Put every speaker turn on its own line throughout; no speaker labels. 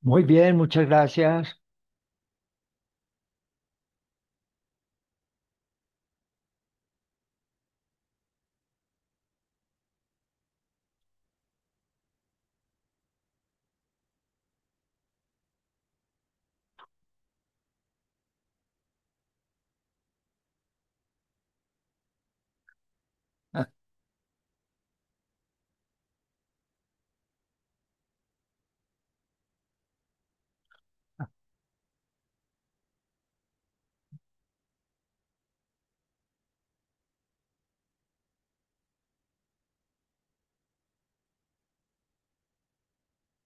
Muy bien, muchas gracias.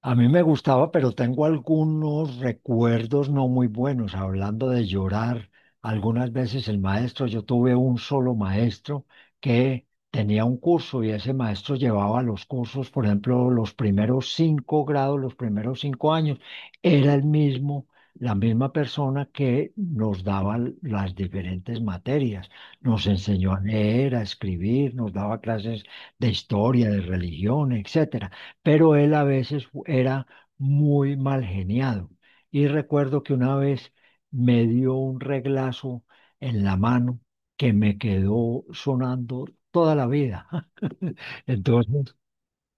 A mí me gustaba, pero tengo algunos recuerdos no muy buenos. Hablando de llorar, algunas veces el maestro, yo tuve un solo maestro que tenía un curso y ese maestro llevaba los cursos, por ejemplo, los primeros 5 grados, los primeros 5 años, era el mismo, la misma persona que nos daba las diferentes materias. Nos enseñó a leer, a escribir, nos daba clases de historia, de religión, etcétera, pero él a veces era muy mal geniado. Y recuerdo que una vez me dio un reglazo en la mano que me quedó sonando toda la vida. Entonces,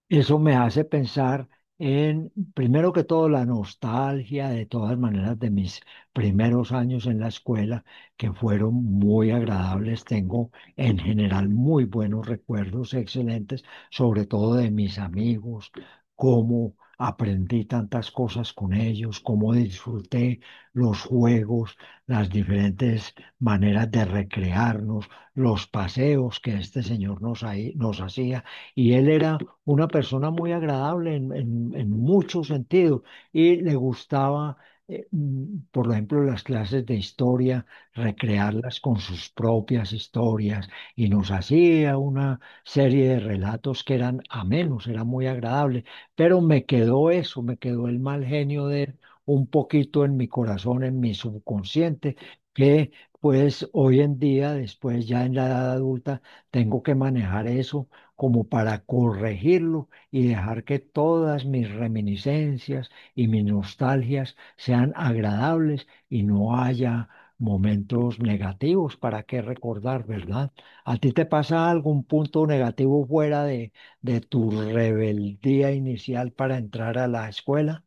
eso me hace pensar en, primero que todo, la nostalgia de todas maneras de mis primeros años en la escuela, que fueron muy agradables. Tengo en general muy buenos recuerdos, excelentes, sobre todo de mis amigos, cómo aprendí tantas cosas con ellos, cómo disfruté los juegos, las diferentes maneras de recrearnos, los paseos que este señor nos hacía. Y él era una persona muy agradable en muchos sentidos y le gustaba, por ejemplo, las clases de historia, recrearlas con sus propias historias y nos hacía una serie de relatos que eran amenos, era muy agradable, pero me quedó eso, me quedó el mal genio de él un poquito en mi corazón, en mi subconsciente, que pues hoy en día, después ya en la edad adulta, tengo que manejar eso como para corregirlo y dejar que todas mis reminiscencias y mis nostalgias sean agradables y no haya momentos negativos para qué recordar, ¿verdad? ¿A ti te pasa algún punto negativo fuera de tu rebeldía inicial para entrar a la escuela?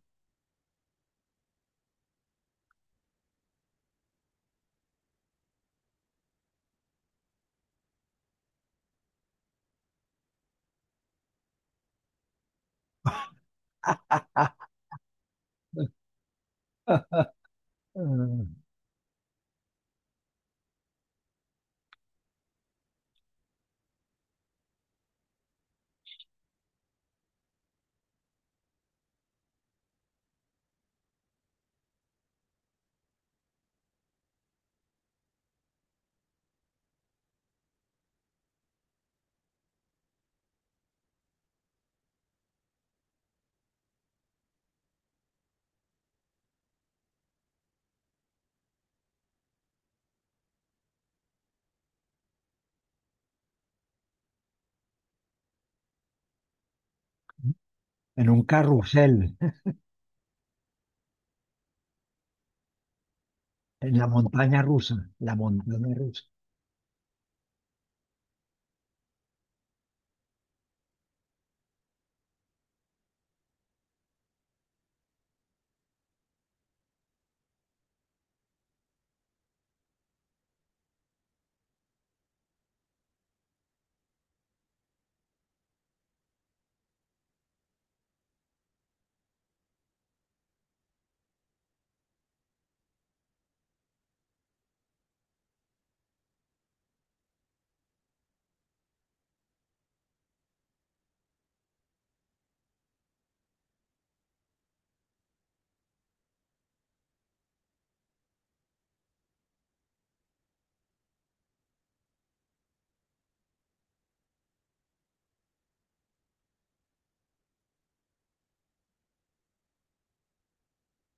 Ah, en un carrusel, en la montaña rusa, la montaña rusa.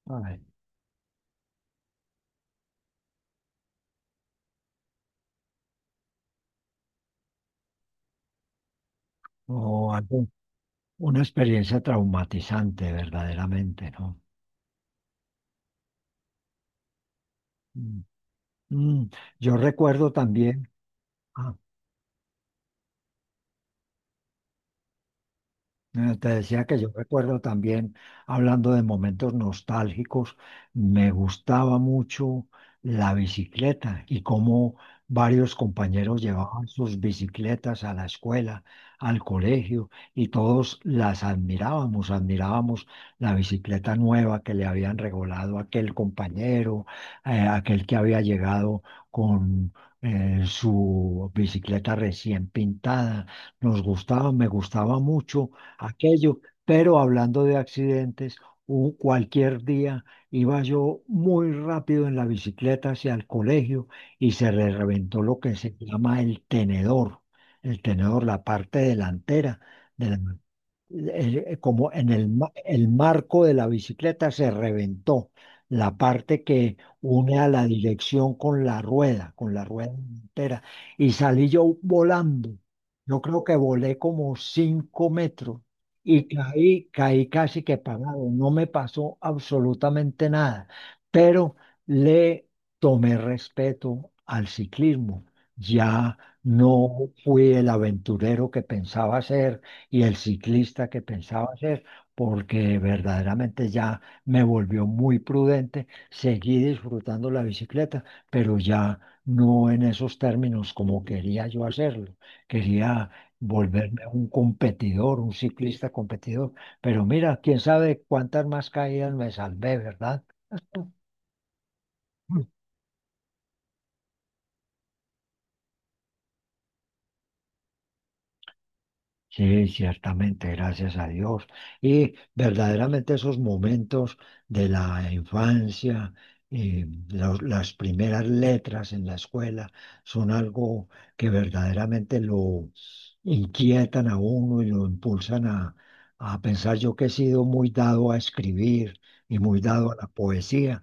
Ay, o algo. Una experiencia traumatizante, verdaderamente, ¿no? Mm, mm. Yo recuerdo también. ah, Te decía que yo recuerdo también, hablando de momentos nostálgicos, me gustaba mucho la bicicleta y cómo varios compañeros llevaban sus bicicletas a la escuela, al colegio, y todos las admirábamos, admirábamos la bicicleta nueva que le habían regalado a aquel compañero, aquel que había llegado con... su bicicleta recién pintada, me gustaba mucho aquello. Pero hablando de accidentes, cualquier día iba yo muy rápido en la bicicleta hacia el colegio y se le reventó lo que se llama el tenedor, la parte delantera de la- como en el marco de la bicicleta se reventó la parte que une a la dirección con la rueda entera, y salí yo volando. Yo creo que volé como 5 metros y caí, caí casi que pagado. No me pasó absolutamente nada, pero le tomé respeto al ciclismo. Ya no fui el aventurero que pensaba ser y el ciclista que pensaba ser, porque verdaderamente ya me volvió muy prudente. Seguí disfrutando la bicicleta, pero ya no en esos términos como quería yo hacerlo. Quería volverme un competidor, un ciclista competidor. Pero mira, quién sabe cuántas más caídas me salvé, ¿verdad? Mm. Sí, ciertamente, gracias a Dios. Y verdaderamente esos momentos de la infancia, las primeras letras en la escuela, son algo que verdaderamente lo inquietan a uno y lo impulsan a pensar. Yo que he sido muy dado a escribir y muy dado a la poesía,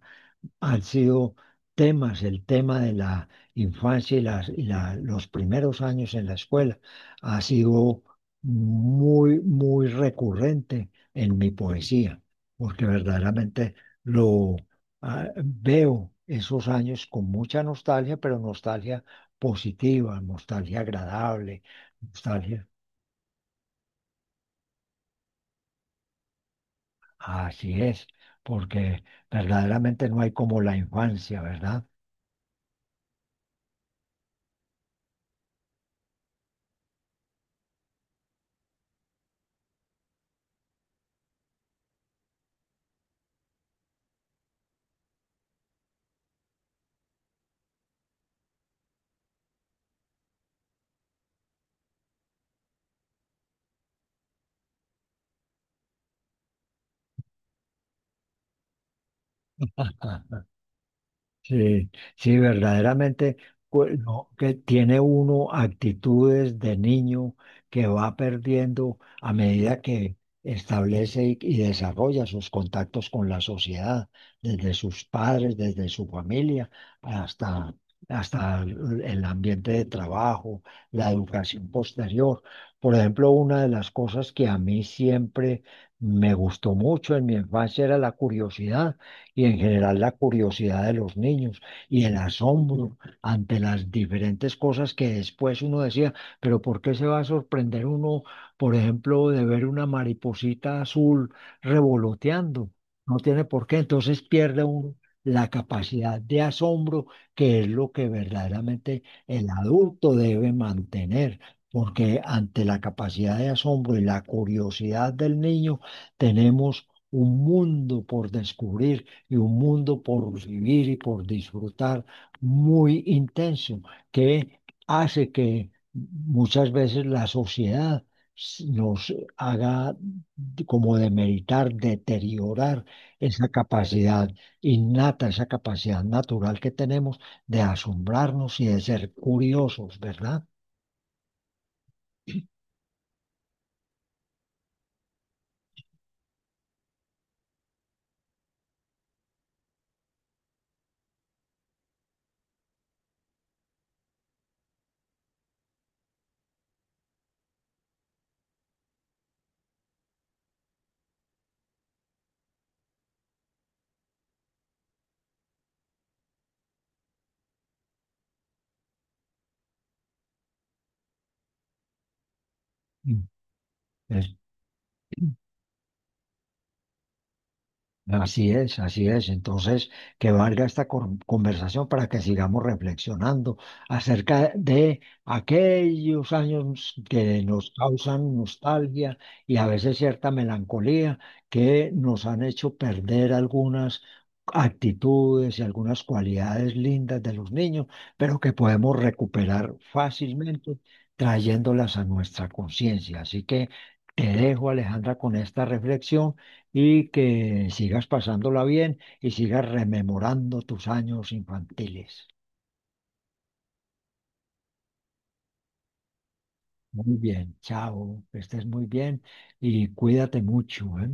han sido temas, el tema de la infancia y los primeros años en la escuela ha sido muy, muy recurrente en mi poesía, porque verdaderamente lo veo esos años con mucha nostalgia, pero nostalgia positiva, nostalgia agradable, nostalgia. Así es, porque verdaderamente no hay como la infancia, ¿verdad? Sí, sí, verdaderamente, pues, no, que tiene uno actitudes de niño que va perdiendo a medida que establece y desarrolla sus contactos con la sociedad, desde sus padres, desde su familia, hasta, hasta el ambiente de trabajo, la educación posterior. Por ejemplo, una de las cosas que a mí siempre me gustó mucho en mi infancia era la curiosidad y en general la curiosidad de los niños y el asombro ante las diferentes cosas que después uno decía, pero ¿por qué se va a sorprender uno, por ejemplo, de ver una mariposita azul revoloteando? No tiene por qué, entonces pierde uno la capacidad de asombro, que es lo que verdaderamente el adulto debe mantener. Porque ante la capacidad de asombro y la curiosidad del niño, tenemos un mundo por descubrir y un mundo por vivir y por disfrutar muy intenso, que hace que muchas veces la sociedad nos haga como demeritar, deteriorar esa capacidad innata, esa capacidad natural que tenemos de asombrarnos y de ser curiosos, ¿verdad? Mm. Es- Así es, así es. Entonces, que valga esta conversación para que sigamos reflexionando acerca de aquellos años que nos causan nostalgia y a veces cierta melancolía que nos han hecho perder algunas actitudes y algunas cualidades lindas de los niños, pero que podemos recuperar fácilmente trayéndolas a nuestra conciencia. Así que te dejo, Alejandra, con esta reflexión y que sigas pasándola bien y sigas rememorando tus años infantiles. Muy bien, chao, que estés muy bien y cuídate mucho, ¿eh?